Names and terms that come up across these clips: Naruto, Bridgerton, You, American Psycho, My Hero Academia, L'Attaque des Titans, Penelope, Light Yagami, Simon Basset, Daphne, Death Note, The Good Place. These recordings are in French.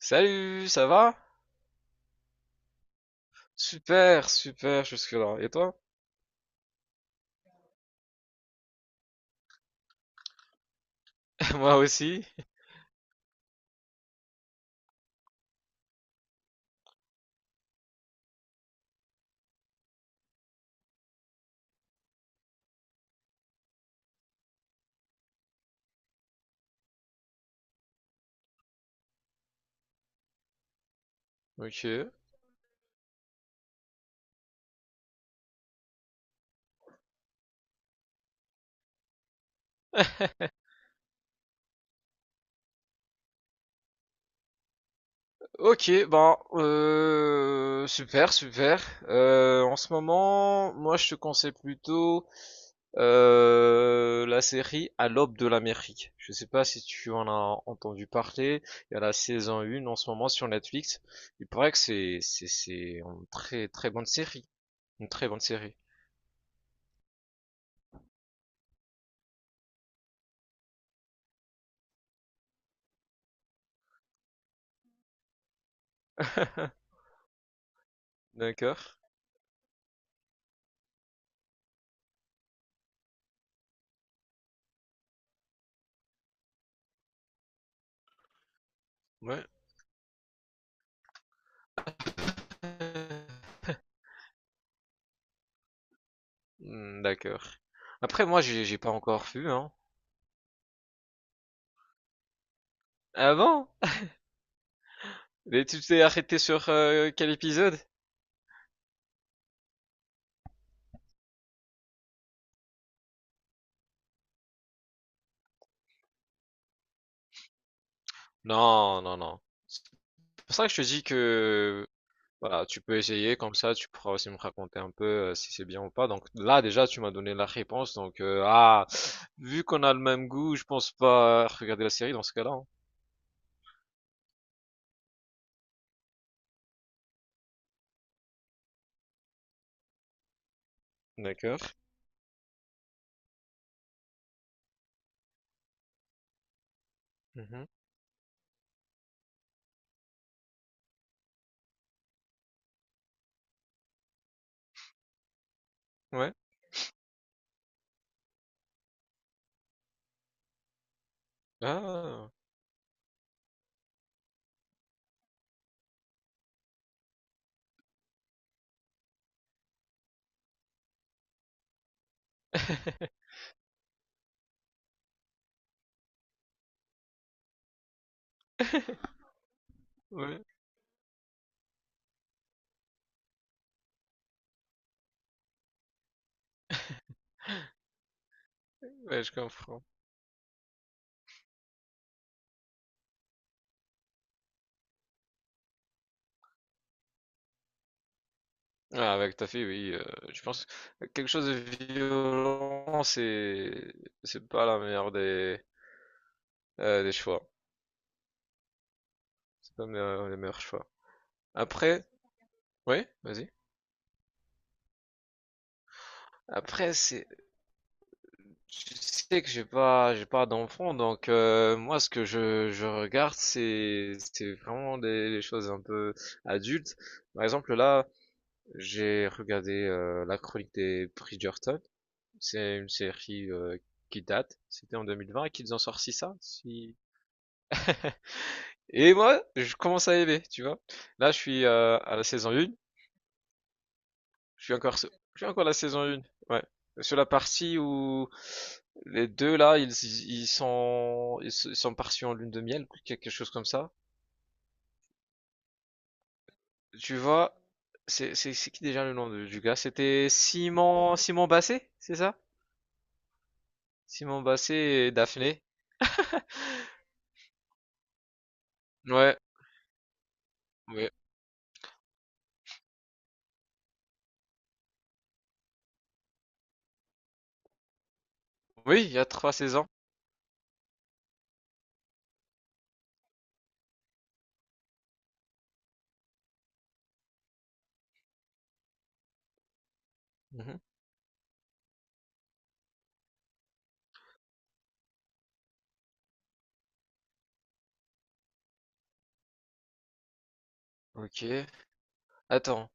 Salut, ça va? Super, super jusque-là. Et toi? Moi aussi. Ok. Ok, ben, super, super. En ce moment, moi je te conseille plutôt la série À l'aube de l'Amérique. Je sais pas si tu en as entendu parler. Il y a la saison 1 en ce moment sur Netflix. Il paraît que c'est une très très bonne série, une très bonne série. D'accord. Ouais. Mmh, d'accord. Après moi j'ai pas encore vu, hein. Ah bon? Mais tu t'es arrêté sur, quel épisode? Non, non, non. C'est pour ça que je te dis que, voilà, tu peux essayer comme ça, tu pourras aussi me raconter un peu, si c'est bien ou pas. Donc là déjà tu m'as donné la réponse donc, ah, vu qu'on a le même goût, je pense pas regarder la série dans ce cas-là, hein. D'accord. Mmh. Ouais. Ah! Ouais, ouais, je comprends. Ah ouais, tout à fait, oui. Je pense que quelque chose de violent, c'est pas la meilleure des des choix. C'est pas le meilleur choix. Après, oui, vas-y. Après, c'est je sais que j'ai pas d'enfant, donc moi ce que je regarde, c'est vraiment des choses un peu adultes. Par exemple, là, j'ai regardé La Chronique des Bridgerton. C'est une série qui date. C'était en 2020 qu'ils ont sorti ça, si. Et moi, je commence à aimer, tu vois. Là, je suis à la saison 1. Je suis encore, je suis encore à la saison 1. Ouais. Sur la partie où les deux là, ils sont partis en lune de miel, quelque chose comme ça. Tu vois, c'est qui déjà le nom du gars? C'était Simon Basset, c'est ça? Simon Basset et Daphné. Ouais, ouais. Oui, il y a trois saisons. Mhm. Ok. Attends.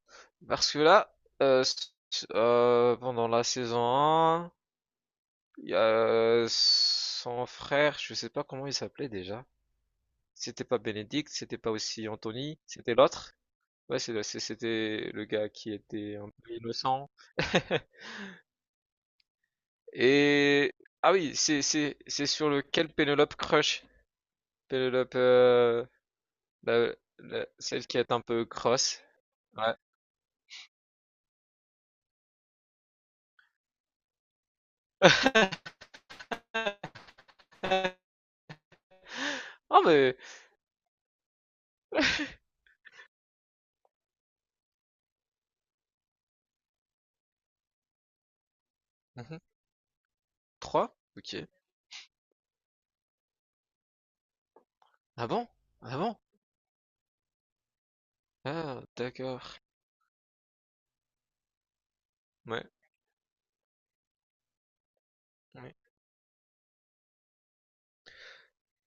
Parce que là, euh, s- pendant la saison 1, il y a son frère, je sais pas comment il s'appelait déjà. C'était pas Bénédicte, c'était pas aussi Anthony, c'était l'autre. Ouais, c'était le gars qui était un peu innocent. Et ah oui, c'est sur lequel Pénélope crush. Pénélope, celle qui est un peu cross. Ouais. Ah mais. Mhm. Trois? Ok. Ah bon? Ah bon? Ah d'accord. Ouais. Ouais.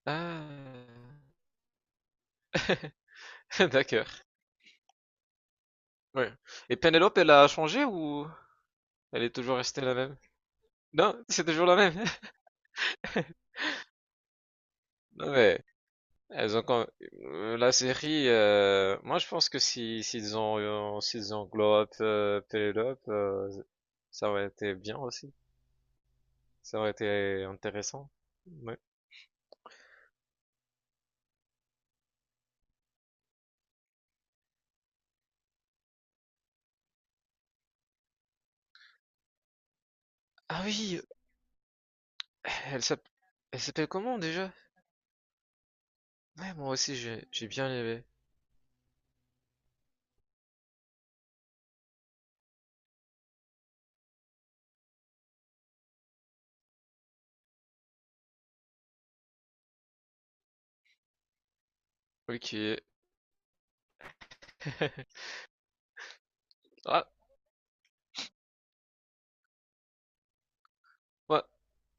Ah d'accord. Ouais. Et Penelope, elle a changé ou elle est toujours restée la même? Non, c'est toujours la même. Non mais elles ont quand- la série. Moi, je pense que si s'ils ont s'ils englobent Penelope, ça aurait été bien aussi. Ça aurait été intéressant. Ouais. Ah oui, elle s'appelle elle s'appelle comment déjà? Ouais, moi aussi j'ai bien aimé. Ok. Ah, ouais.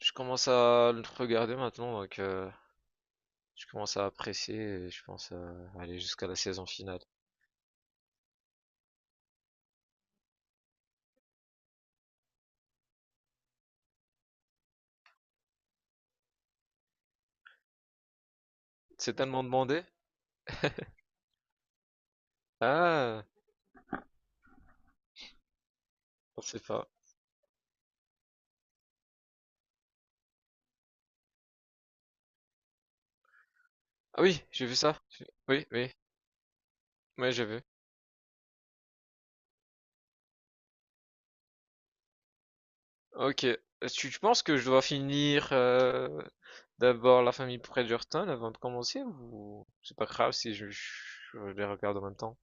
Je commence à le regarder maintenant, donc. Je commence à apprécier et je pense à aller jusqu'à la saison finale. C'est tellement demandé? Ah, je pensais pas. Ah oui, j'ai vu ça. Oui, oui, oui, Ouais, j'ai vu. Ok. Est-ce que tu penses que je dois finir d'abord la famille Bridgerton avant de commencer ou c'est pas grave si je les regarde en même temps?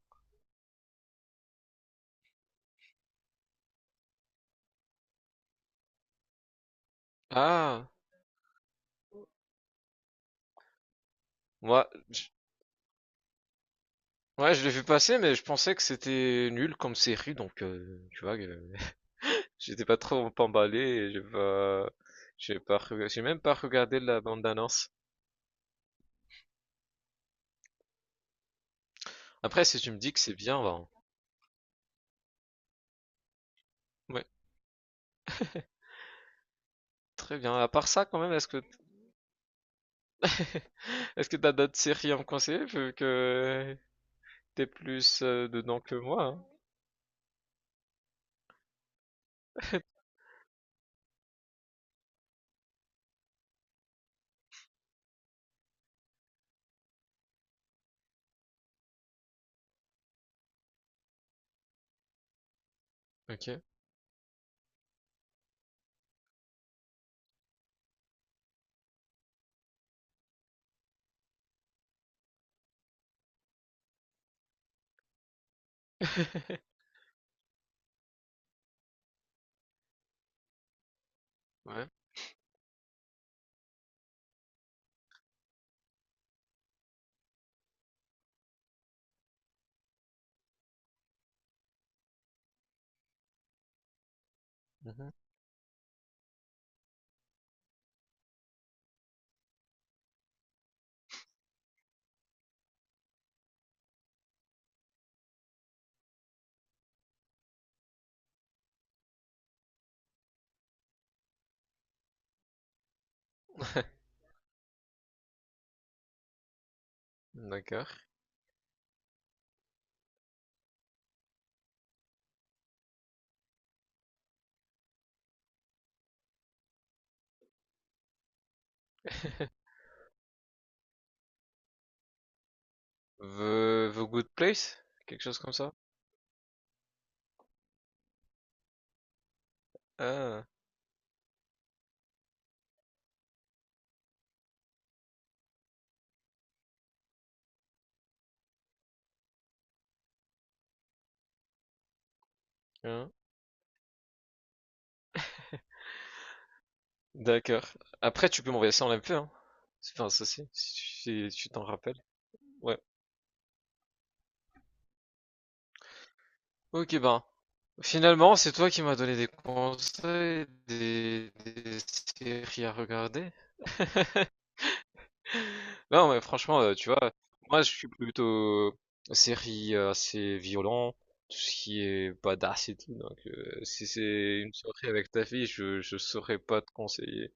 Ah, moi, ouais, je l'ai vu passer, mais je pensais que c'était nul comme série, donc tu vois, j'étais pas trop emballé et j'ai même pas regardé la bande-annonce. Après, si tu me dis que c'est bien, ben, ouais, très bien. À part ça, quand même, est-ce que, est-ce que t'as d'autres séries à me conseiller vu que t'es plus dedans que moi, hein. Ok. Ouais. Mhm. D'accord. The Good Place? Quelque chose comme ça? Ah, hein, d'accord. Après, tu peux m'envoyer ça en MP, hein. C'est pas un souci, si tu si tu t'en rappelles. Ouais. Ok, ben, finalement, c'est toi qui m'as donné des conseils, des séries à regarder. Non, mais franchement, tu vois, moi je suis plutôt euh, série assez violent, tout ce qui est badass et tout. Donc, si c'est une soirée avec ta fille, je saurais pas te conseiller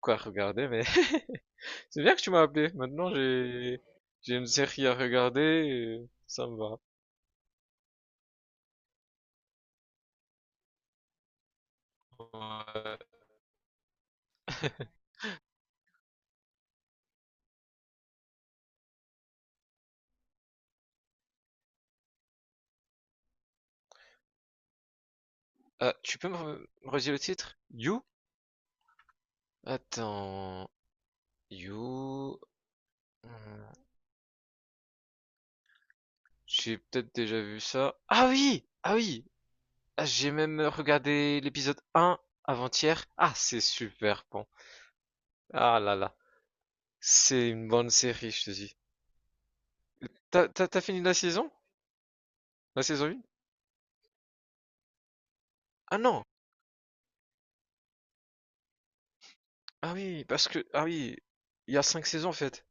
quoi regarder, mais c'est bien que tu m'as appelé. Maintenant, j'ai une série à regarder, et ça me va. Ouais. Ah, tu peux me redire le titre? You? Attends. You... hmm, j'ai peut-être déjà vu ça. Ah oui! Ah oui! Ah, j'ai même regardé l'épisode un avant-hier. Ah, c'est super bon. Ah là là. C'est une bonne série, je te dis. T'as fini la saison? La saison 1? Ah non! Ah oui, parce que... Ah oui, il y a cinq saisons en fait.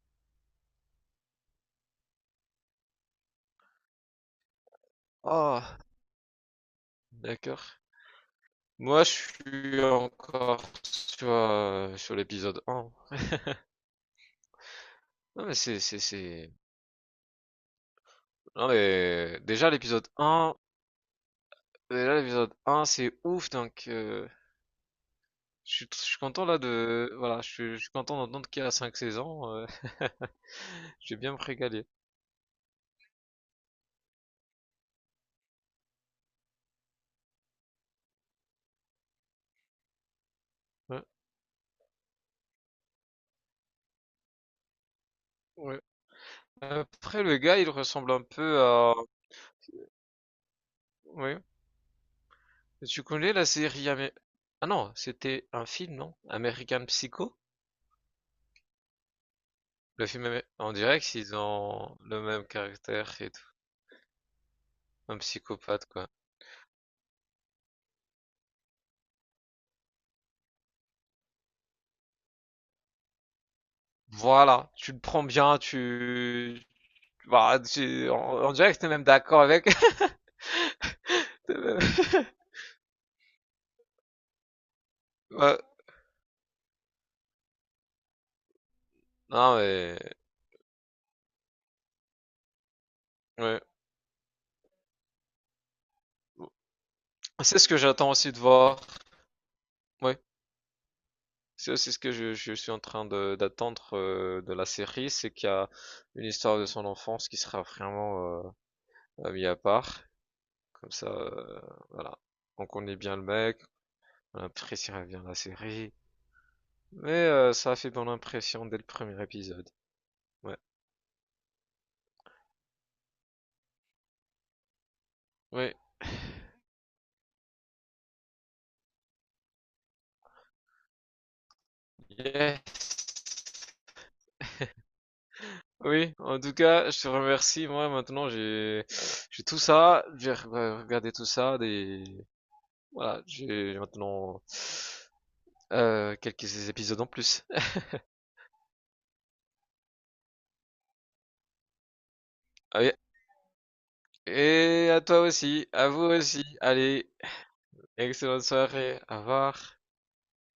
Ah, d'accord. Moi, je suis encore sur l'épisode un. Non mais c'est... Non mais... Déjà, l'épisode un. Et là, l'épisode un c'est ouf, donc je suis content là de... Voilà, je suis content d'entendre qu'il y a 5 saisons. Je vais bien me régaler. Ouais, ouais. Après, le gars, il ressemble un peu à... Oui. Tu connais la série... Ah non, c'était un film, non? American Psycho? Le film... On dirait qu'ils ont le même caractère et tout. Un psychopathe, quoi. Voilà, tu le prends bien, tu... Bah, tu... on dirait que t'es même d'accord avec... T'es même- Ouais, non, mais ouais. C'est ce que j'attends aussi de voir. Ouais. C'est aussi ce que je suis en train de d'attendre de la série, c'est qu'il y a une histoire de son enfance qui sera vraiment mise à part. Comme ça, voilà. On connaît bien le mec, on appréciera bien la série. Mais ça a fait bonne impression dès le premier épisode. Ouais. Oui. Yeah. Oui. En tout cas, je te remercie. Moi, maintenant, j'ai tout ça. Regardé tout ça, des. Voilà, j'ai maintenant quelques épisodes en plus. Ah oui, et à toi aussi, à vous aussi. Allez, excellente soirée. Au revoir.